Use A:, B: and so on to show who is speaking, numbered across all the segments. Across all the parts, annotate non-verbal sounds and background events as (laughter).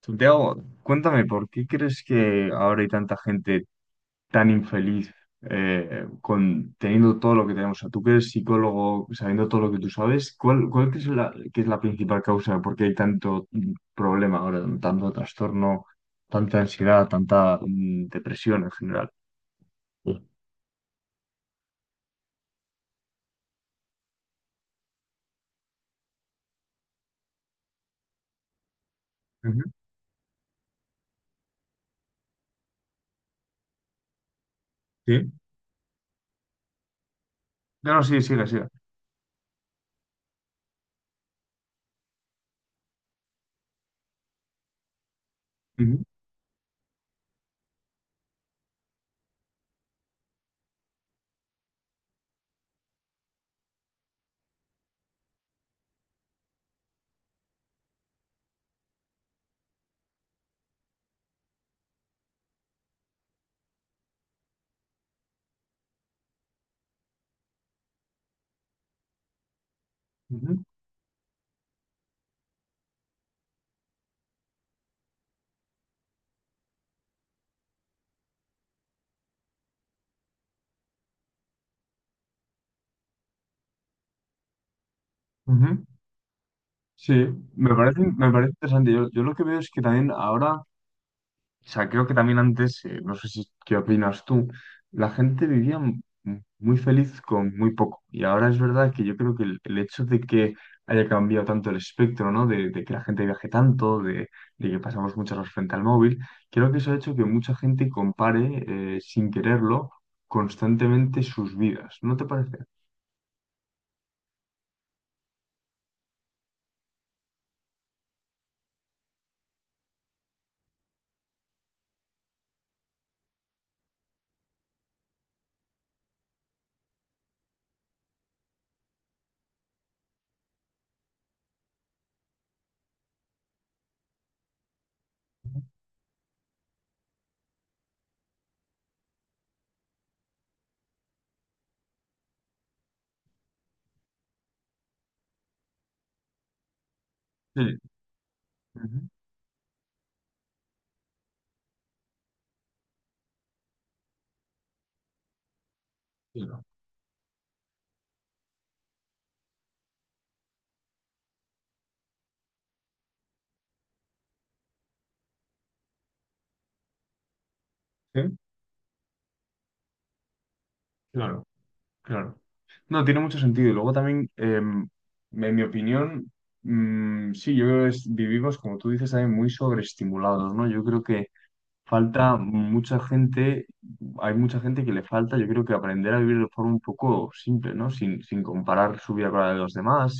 A: Santiago, cuéntame, ¿por qué crees que ahora hay tanta gente tan infeliz con, teniendo todo lo que tenemos? O sea, tú que eres psicólogo, sabiendo todo lo que tú sabes, ¿ cuál crees que es la principal causa de por qué hay tanto problema ahora, tanto trastorno, tanta ansiedad, tanta depresión en general? Sí. Ujú. Sí, no, no, sí, sigue, sigue. Ujú, ujú, ujú. Sí, me parece interesante. Yo lo que veo es que también ahora. O sea, creo que también antes, no sé si qué opinas tú, la gente vivía muy feliz con muy poco. Y ahora es verdad que yo creo que el hecho de que haya cambiado tanto el espectro, ¿no? De que la gente viaje tanto, de que pasamos muchas horas frente al móvil, creo que eso ha hecho que mucha gente compare, sin quererlo, constantemente sus vidas. ¿No te parece? Sí. Ujú. Claro. Sí, claro, claro. No, tiene mucho sentido. Y luego también, en mi opinión, sí, yo creo que vivimos, como tú dices, también muy sobreestimulados, ¿no? Yo creo que falta mucha gente, hay mucha gente que le falta, yo creo que aprender a vivir de forma un poco simple, ¿no? Sin comparar su vida con la de los demás,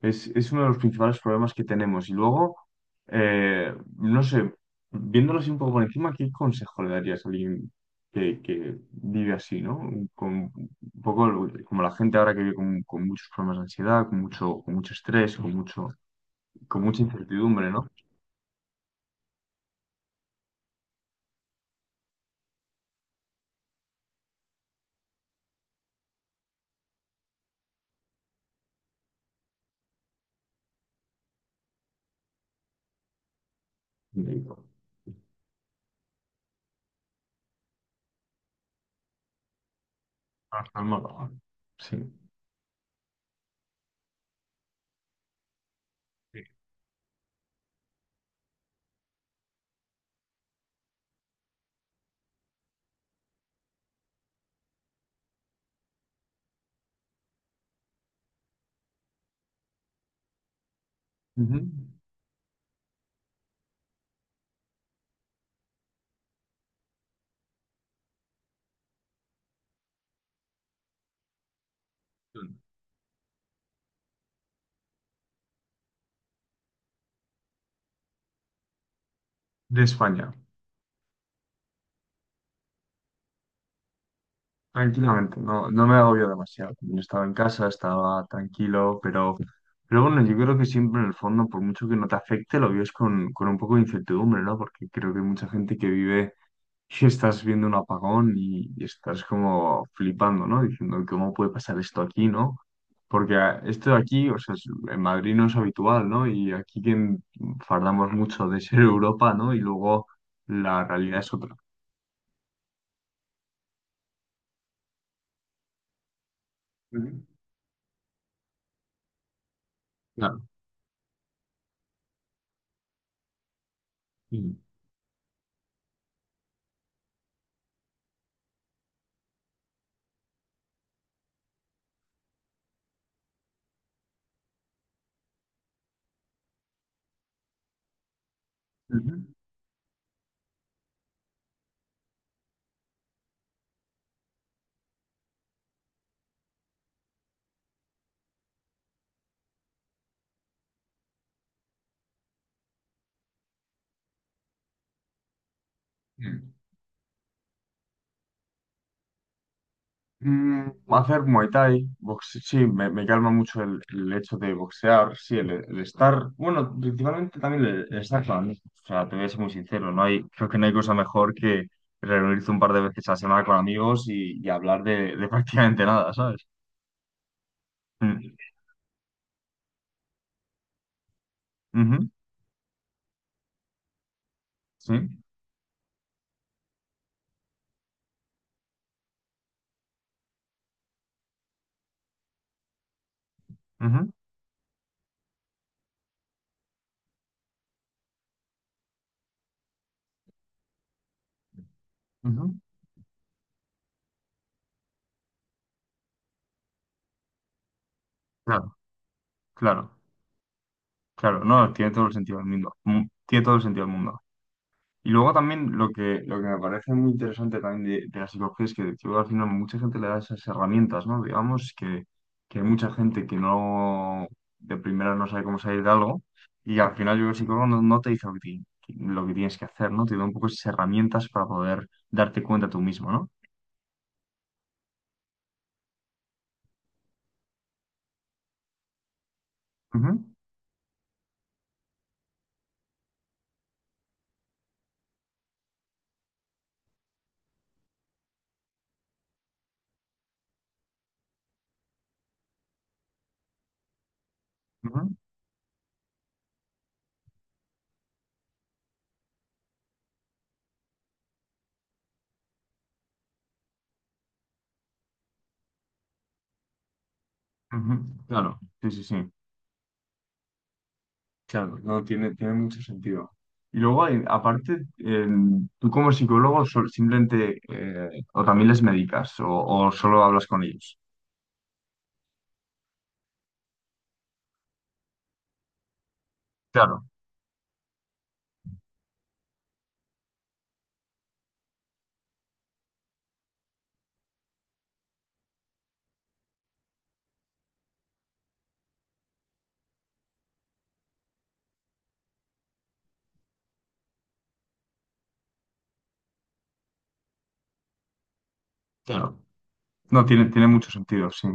A: es uno de los principales problemas que tenemos. Y luego, no sé, viéndolo así un poco por encima, ¿qué consejo le darías a alguien que vive así, ¿no? Con un poco como la gente ahora que vive con muchos problemas de ansiedad, con mucho estrés, con mucho, con mucha incertidumbre, ¿no? Para calmarlo, ¿no? Sí. Sí. Ujú. De España. Tranquilamente, no, no me agobio demasiado. Yo estaba en casa, estaba tranquilo, pero bueno, yo creo que siempre en el fondo, por mucho que no te afecte, lo vives con un poco de incertidumbre, ¿no? Porque creo que hay mucha gente que vive y estás viendo un apagón y estás como flipando, ¿no? Diciendo, ¿cómo puede pasar esto aquí, ¿no? Porque ah, esto de aquí, o sea, en Madrid no es habitual, ¿no? Y aquí que fardamos mucho de ser Europa, ¿no? Y luego la realidad es otra. Ujú. Claro. Mm. Ujú. Mm. Mm, hacer Muay Thai, sí, me calma mucho el hecho de boxear, sí, el estar, bueno, principalmente también el estar con amigos, o sea, te voy a ser muy sincero, no hay, creo que no hay cosa mejor que reunirse un par de veces a la semana con amigos y hablar de (laughs) prácticamente nada, ¿sabes? Mm, ujú, sí, ujú, ujú, claro, claro, claro, no, tiene todo el sentido del mundo, mm, tiene todo el sentido del mundo. Y luego también lo que me parece muy interesante también de la psicología es que yo, al final mucha gente le da esas herramientas, ¿no? Digamos que hay mucha gente que no de primera no sabe cómo salir de algo y al final yo creo que el psicólogo no, no te dice lo lo que tienes que hacer, ¿no? Te da un poco esas herramientas para poder darte cuenta tú mismo, ¿no? Ujú, ujú, ujú. Claro, sí, sí, sí. Claro, no tiene mucho sentido. Y luego, aparte, tú como psicólogo simplemente o también les medicas o solo hablas con ellos. Claro, claro. No, tiene mucho sentido, sí.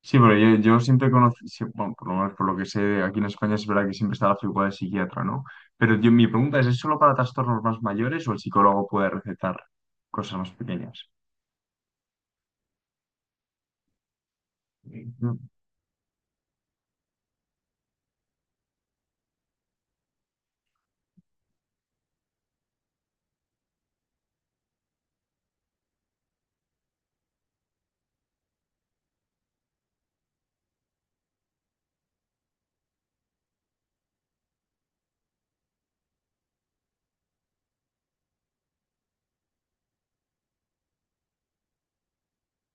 A: Sí, pero yo siempre conocí, sí, bueno, por lo menos por lo que sé, aquí en España es verdad que siempre está la figura de psiquiatra, ¿no? Pero yo, mi pregunta ¿es solo para trastornos más mayores o el psicólogo puede recetar cosas más pequeñas?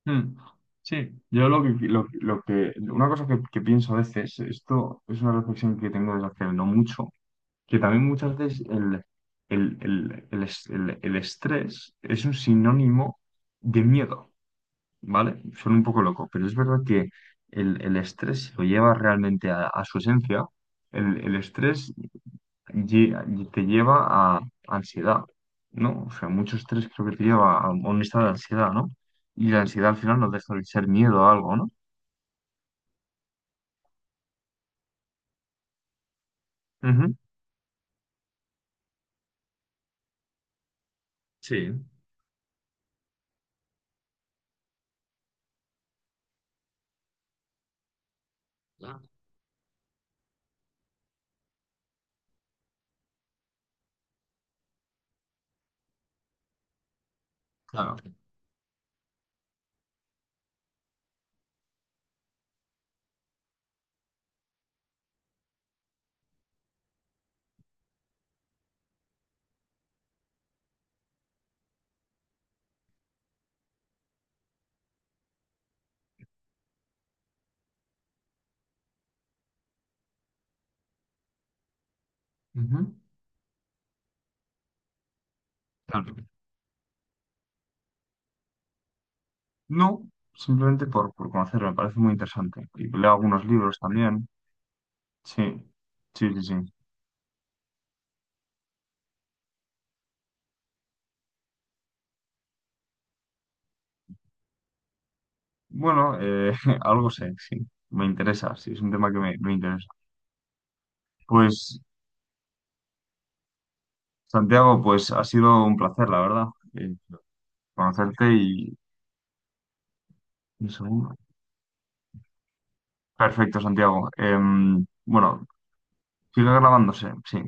A: Mm, sí, yo lo que, una cosa que pienso a veces, esto es una reflexión que tengo desde hace no mucho, que también muchas veces el estrés es un sinónimo de miedo, ¿vale? Suena un poco loco, pero es verdad que el estrés, si lo lleva realmente a su esencia, el estrés te lleva a ansiedad, ¿no? O sea, mucho estrés creo que te lleva a un estado de ansiedad, ¿no? Y la ansiedad al final nos deja de ser miedo a algo, ¿no? Ujú. Sí. Claro. Ujú. Claro. No, simplemente por conocerlo, me parece muy interesante. Y leo algunos libros también. Sí, sí, sí, sí. Bueno, (laughs) algo sé, sí. Me interesa, sí, es un tema que me interesa. Pues, Santiago, pues ha sido un placer, la verdad, eh, conocerte y eso. Perfecto, Santiago. Bueno, sigue grabándose, sí.